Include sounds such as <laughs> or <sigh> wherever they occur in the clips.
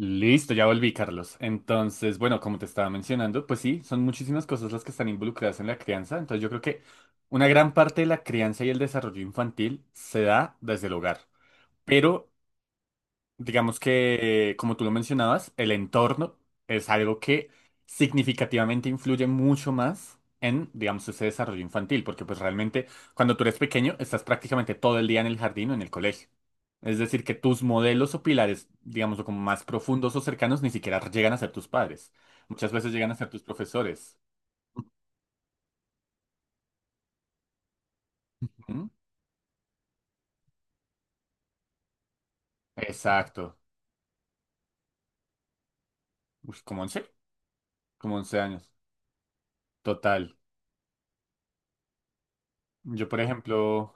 Listo, ya volví, Carlos. Entonces, bueno, como te estaba mencionando, pues sí, son muchísimas cosas las que están involucradas en la crianza. Entonces, yo creo que una gran parte de la crianza y el desarrollo infantil se da desde el hogar. Pero digamos que, como tú lo mencionabas, el entorno es algo que significativamente influye mucho más en, digamos, ese desarrollo infantil, porque pues realmente cuando tú eres pequeño estás prácticamente todo el día en el jardín o en el colegio. Es decir, que tus modelos o pilares, digamos, o como más profundos o cercanos, ni siquiera llegan a ser tus padres. Muchas veces llegan a ser tus profesores. ¿Mm? Exacto. Uy, como 11 años. Total. Yo, por ejemplo...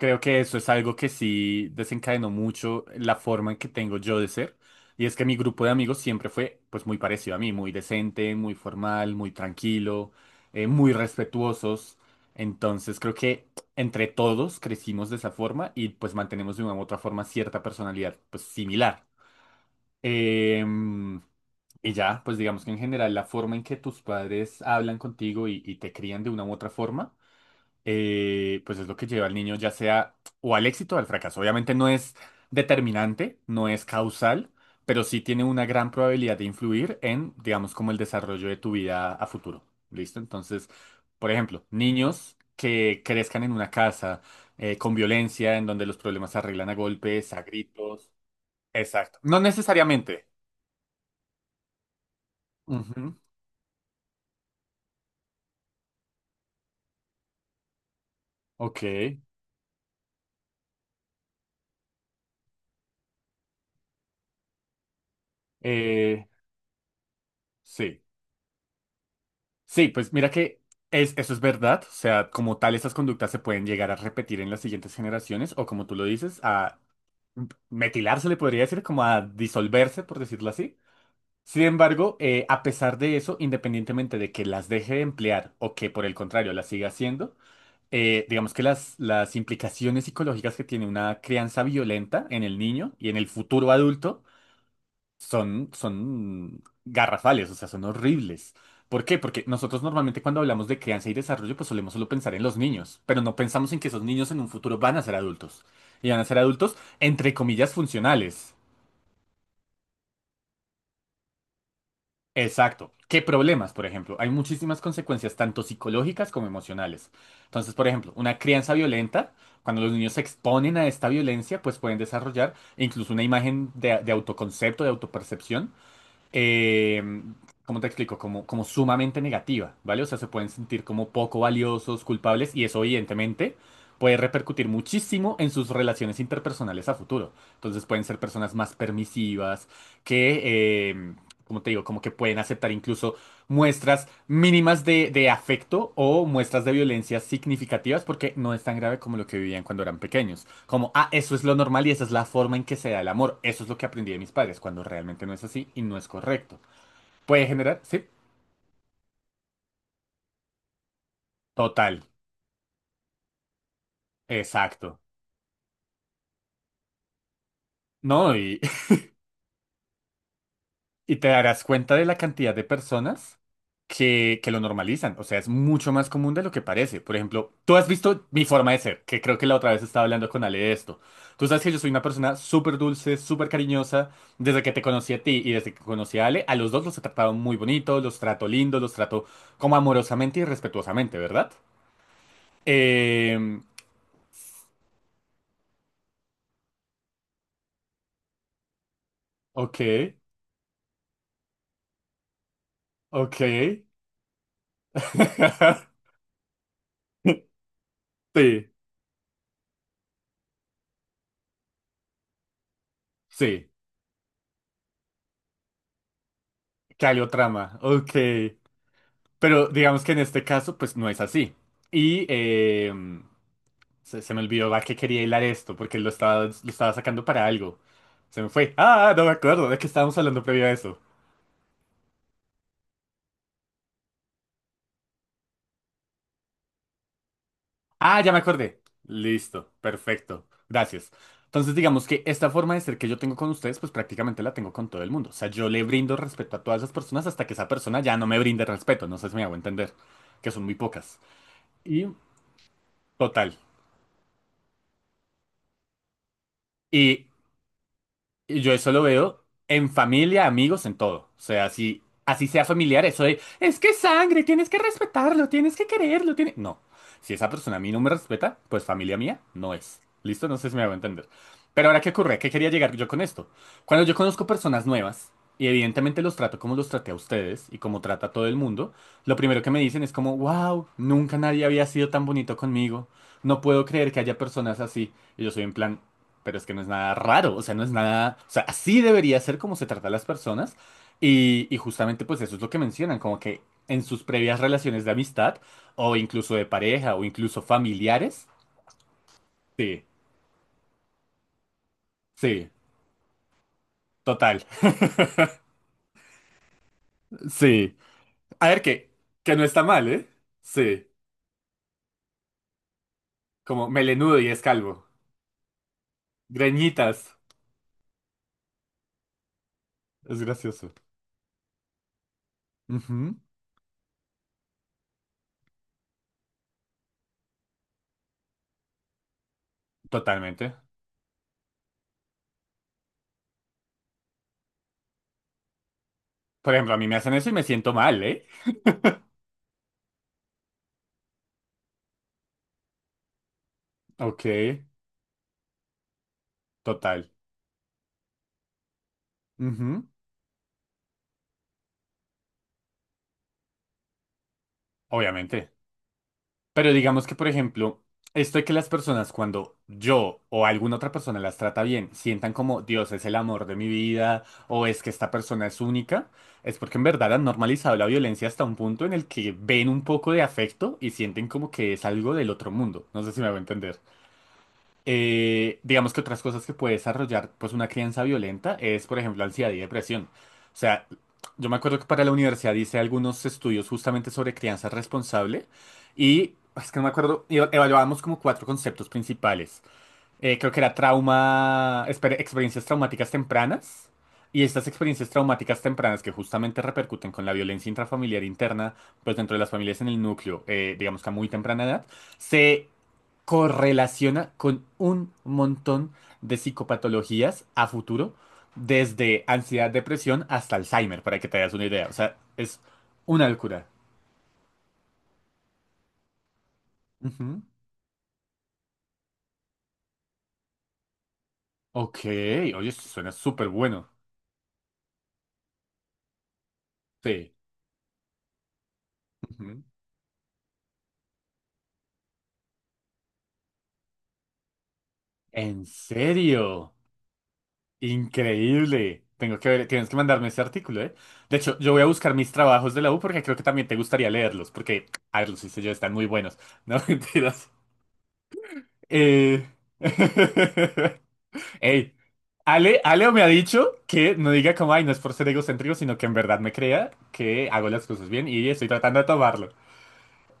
Creo que eso es algo que sí desencadenó mucho la forma en que tengo yo de ser. Y es que mi grupo de amigos siempre fue pues muy parecido a mí, muy decente, muy formal, muy tranquilo, muy respetuosos. Entonces creo que entre todos crecimos de esa forma y pues mantenemos de una u otra forma cierta personalidad pues similar. Em, y ya, pues digamos que en general la forma en que tus padres hablan contigo y te crían de una u otra forma pues es lo que lleva al niño ya sea o al éxito o al fracaso. Obviamente no es determinante, no es causal, pero sí tiene una gran probabilidad de influir en, digamos, como el desarrollo de tu vida a futuro. ¿Listo? Entonces, por ejemplo, niños que crezcan en una casa con violencia, en donde los problemas se arreglan a golpes, a gritos. Exacto. No necesariamente. Ujú. Ok. Eh, sí. Sí, pues mira que es, eso es verdad. O sea, como tal, esas conductas se pueden llegar a repetir en las siguientes generaciones, o como tú lo dices, a metilar se le podría decir, como a disolverse, por decirlo así. Sin embargo, a pesar de eso, independientemente de que las deje de emplear o que por el contrario las siga haciendo, digamos que las implicaciones psicológicas que tiene una crianza violenta en el niño y en el futuro adulto son, son garrafales, o sea, son horribles. ¿Por qué? Porque nosotros normalmente cuando hablamos de crianza y desarrollo, pues solemos solo pensar en los niños, pero no pensamos en que esos niños en un futuro van a ser adultos. Y van a ser adultos, entre comillas, funcionales. Exacto. ¿Qué problemas, por ejemplo? Hay muchísimas consecuencias, tanto psicológicas como emocionales. Entonces, por ejemplo, una crianza violenta, cuando los niños se exponen a esta violencia, pues pueden desarrollar incluso una imagen de autoconcepto, de autopercepción eh, ¿cómo te explico? Como, como sumamente negativa, ¿vale? O sea, se pueden sentir como poco valiosos, culpables, y eso evidentemente puede repercutir muchísimo en sus relaciones interpersonales a futuro. Entonces pueden ser personas más permisivas, que, como te digo, como que pueden aceptar incluso muestras mínimas de afecto o muestras de violencia significativas porque no es tan grave como lo que vivían cuando eran pequeños. Como, ah, eso es lo normal y esa es la forma en que se da el amor. Eso es lo que aprendí de mis padres, cuando realmente no es así y no es correcto. Puede generar, sí, total, exacto. No, y te darás cuenta de la cantidad de personas que lo normalizan. O sea, es mucho más común de lo que parece. Por ejemplo, tú has visto mi forma de ser, que creo que la otra vez estaba hablando con Ale de esto. Tú sabes que yo soy una persona súper dulce, súper cariñosa. Desde que te conocí a ti y desde que conocí a Ale, a los dos los he tratado muy bonito, los trato lindo, los trato como amorosamente y respetuosamente, ¿verdad? Eh, ok, ok. <laughs> Sí, sí. Calio trama. Ok. Pero digamos que en este caso, pues no es así. Y se, se me olvidó a qué quería hilar esto, porque lo estaba sacando para algo. Se me fue. Ah, no me acuerdo de qué estábamos hablando previo a eso. Ah, ya me acordé. Listo, perfecto. Gracias. Entonces, digamos que esta forma de ser que yo tengo con ustedes, pues prácticamente la tengo con todo el mundo. O sea, yo le brindo respeto a todas las personas hasta que esa persona ya no me brinde respeto. No sé si me hago entender, que son muy pocas. Y total. Y Yo eso lo veo en familia, amigos, en todo. O sea, si así sea familiar, eso de es que es sangre, tienes que respetarlo, tienes que quererlo, tiene... No. Si esa persona a mí no me respeta, pues familia mía no es. ¿Listo? No sé si me hago entender. Pero ahora, ¿qué ocurre? ¿Qué quería llegar yo con esto? Cuando yo conozco personas nuevas, y evidentemente los trato como los traté a ustedes y como trata a todo el mundo, lo primero que me dicen es como, wow, nunca nadie había sido tan bonito conmigo. No puedo creer que haya personas así. Y yo soy en plan, pero es que no es nada raro, o sea, no es nada, o sea, así debería ser como se trata a las personas y justamente pues eso es lo que mencionan, como que en sus previas relaciones de amistad o incluso de pareja o incluso familiares, sí, sí, total, <laughs> sí. A ver que no está mal, ¿eh? Sí, como melenudo y es calvo, greñitas, es gracioso. Ujú, totalmente. Por ejemplo, a mí me hacen eso y me siento mal, ¿eh? Ok, total. Ujú, obviamente. Pero digamos que, por ejemplo, esto de que las personas cuando yo o alguna otra persona las trata bien, sientan como Dios es el amor de mi vida o es que esta persona es única, es porque en verdad han normalizado la violencia hasta un punto en el que ven un poco de afecto y sienten como que es algo del otro mundo. No sé si me voy a entender. Digamos que otras cosas que puede desarrollar pues una crianza violenta es, por ejemplo, ansiedad y depresión. O sea, yo me acuerdo que para la universidad hice algunos estudios justamente sobre crianza responsable y es que no me acuerdo, y evaluábamos como 4 conceptos principales creo que era trauma, experiencias traumáticas tempranas. Y estas experiencias traumáticas tempranas que justamente repercuten con la violencia intrafamiliar interna, pues dentro de las familias en el núcleo, digamos que a muy temprana edad, se correlaciona con un montón de psicopatologías a futuro, desde ansiedad, depresión hasta Alzheimer, para que te hagas una idea. O sea, es una locura. Ujú. Ok, oye, esto suena súper bueno. Sí. Ujú. ¿En serio? Increíble. Tengo que ver, tienes que mandarme ese artículo, ¿eh? De hecho, yo voy a buscar mis trabajos de la U porque creo que también te gustaría leerlos, porque, a ver, los hice yo, están muy buenos. No, <laughs> mentiras. Eh... <laughs> Ey, Ale, Aleo me ha dicho que no diga como, ay, no es por ser egocéntrico, sino que en verdad me crea que hago las cosas bien y estoy tratando de tomarlo.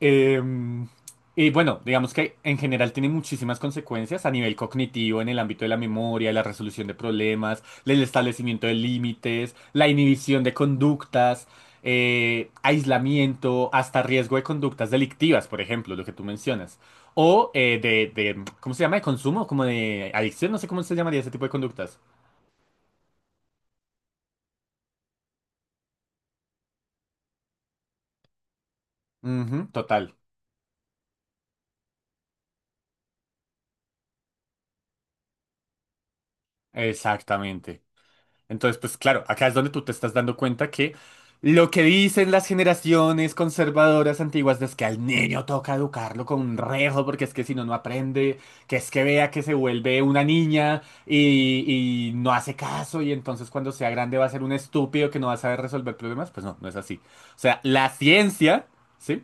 Em, y bueno, digamos que en general tiene muchísimas consecuencias a nivel cognitivo, en el ámbito de la memoria, la resolución de problemas, el establecimiento de límites, la inhibición de conductas, aislamiento, hasta riesgo de conductas delictivas, por ejemplo, lo que tú mencionas. O ¿cómo se llama? De consumo, como de adicción, no sé cómo se llamaría ese tipo de conductas. Ujú, total, exactamente. Entonces, pues claro, acá es donde tú te estás dando cuenta que lo que dicen las generaciones conservadoras antiguas es que al niño toca educarlo con un rejo porque es que si no, no aprende, que es que vea que se vuelve una niña y no hace caso y entonces cuando sea grande va a ser un estúpido que no va a saber resolver problemas, pues no, no es así. O sea, la ciencia, ¿sí?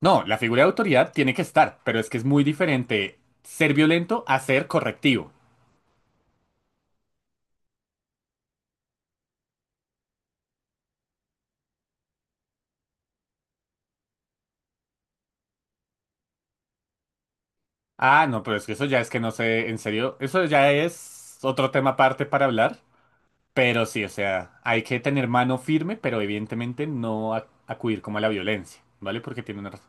No, la figura de autoridad tiene que estar, pero es que es muy diferente ser violento a ser correctivo. Ah, no, pero es que eso ya es que no sé, en serio, eso ya es otro tema aparte para hablar, pero sí, o sea, hay que tener mano firme, pero evidentemente no acudir como a la violencia, ¿vale? Porque tiene una razón.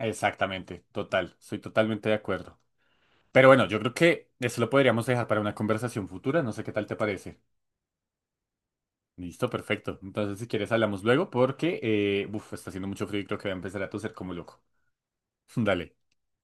Exactamente, total, soy totalmente de acuerdo. Pero bueno, yo creo que eso lo podríamos dejar para una conversación futura, no sé qué tal te parece. Listo, perfecto. Entonces, si quieres, hablamos luego porque, uf, está haciendo mucho frío y creo que voy a empezar a toser como loco. <laughs> Dale.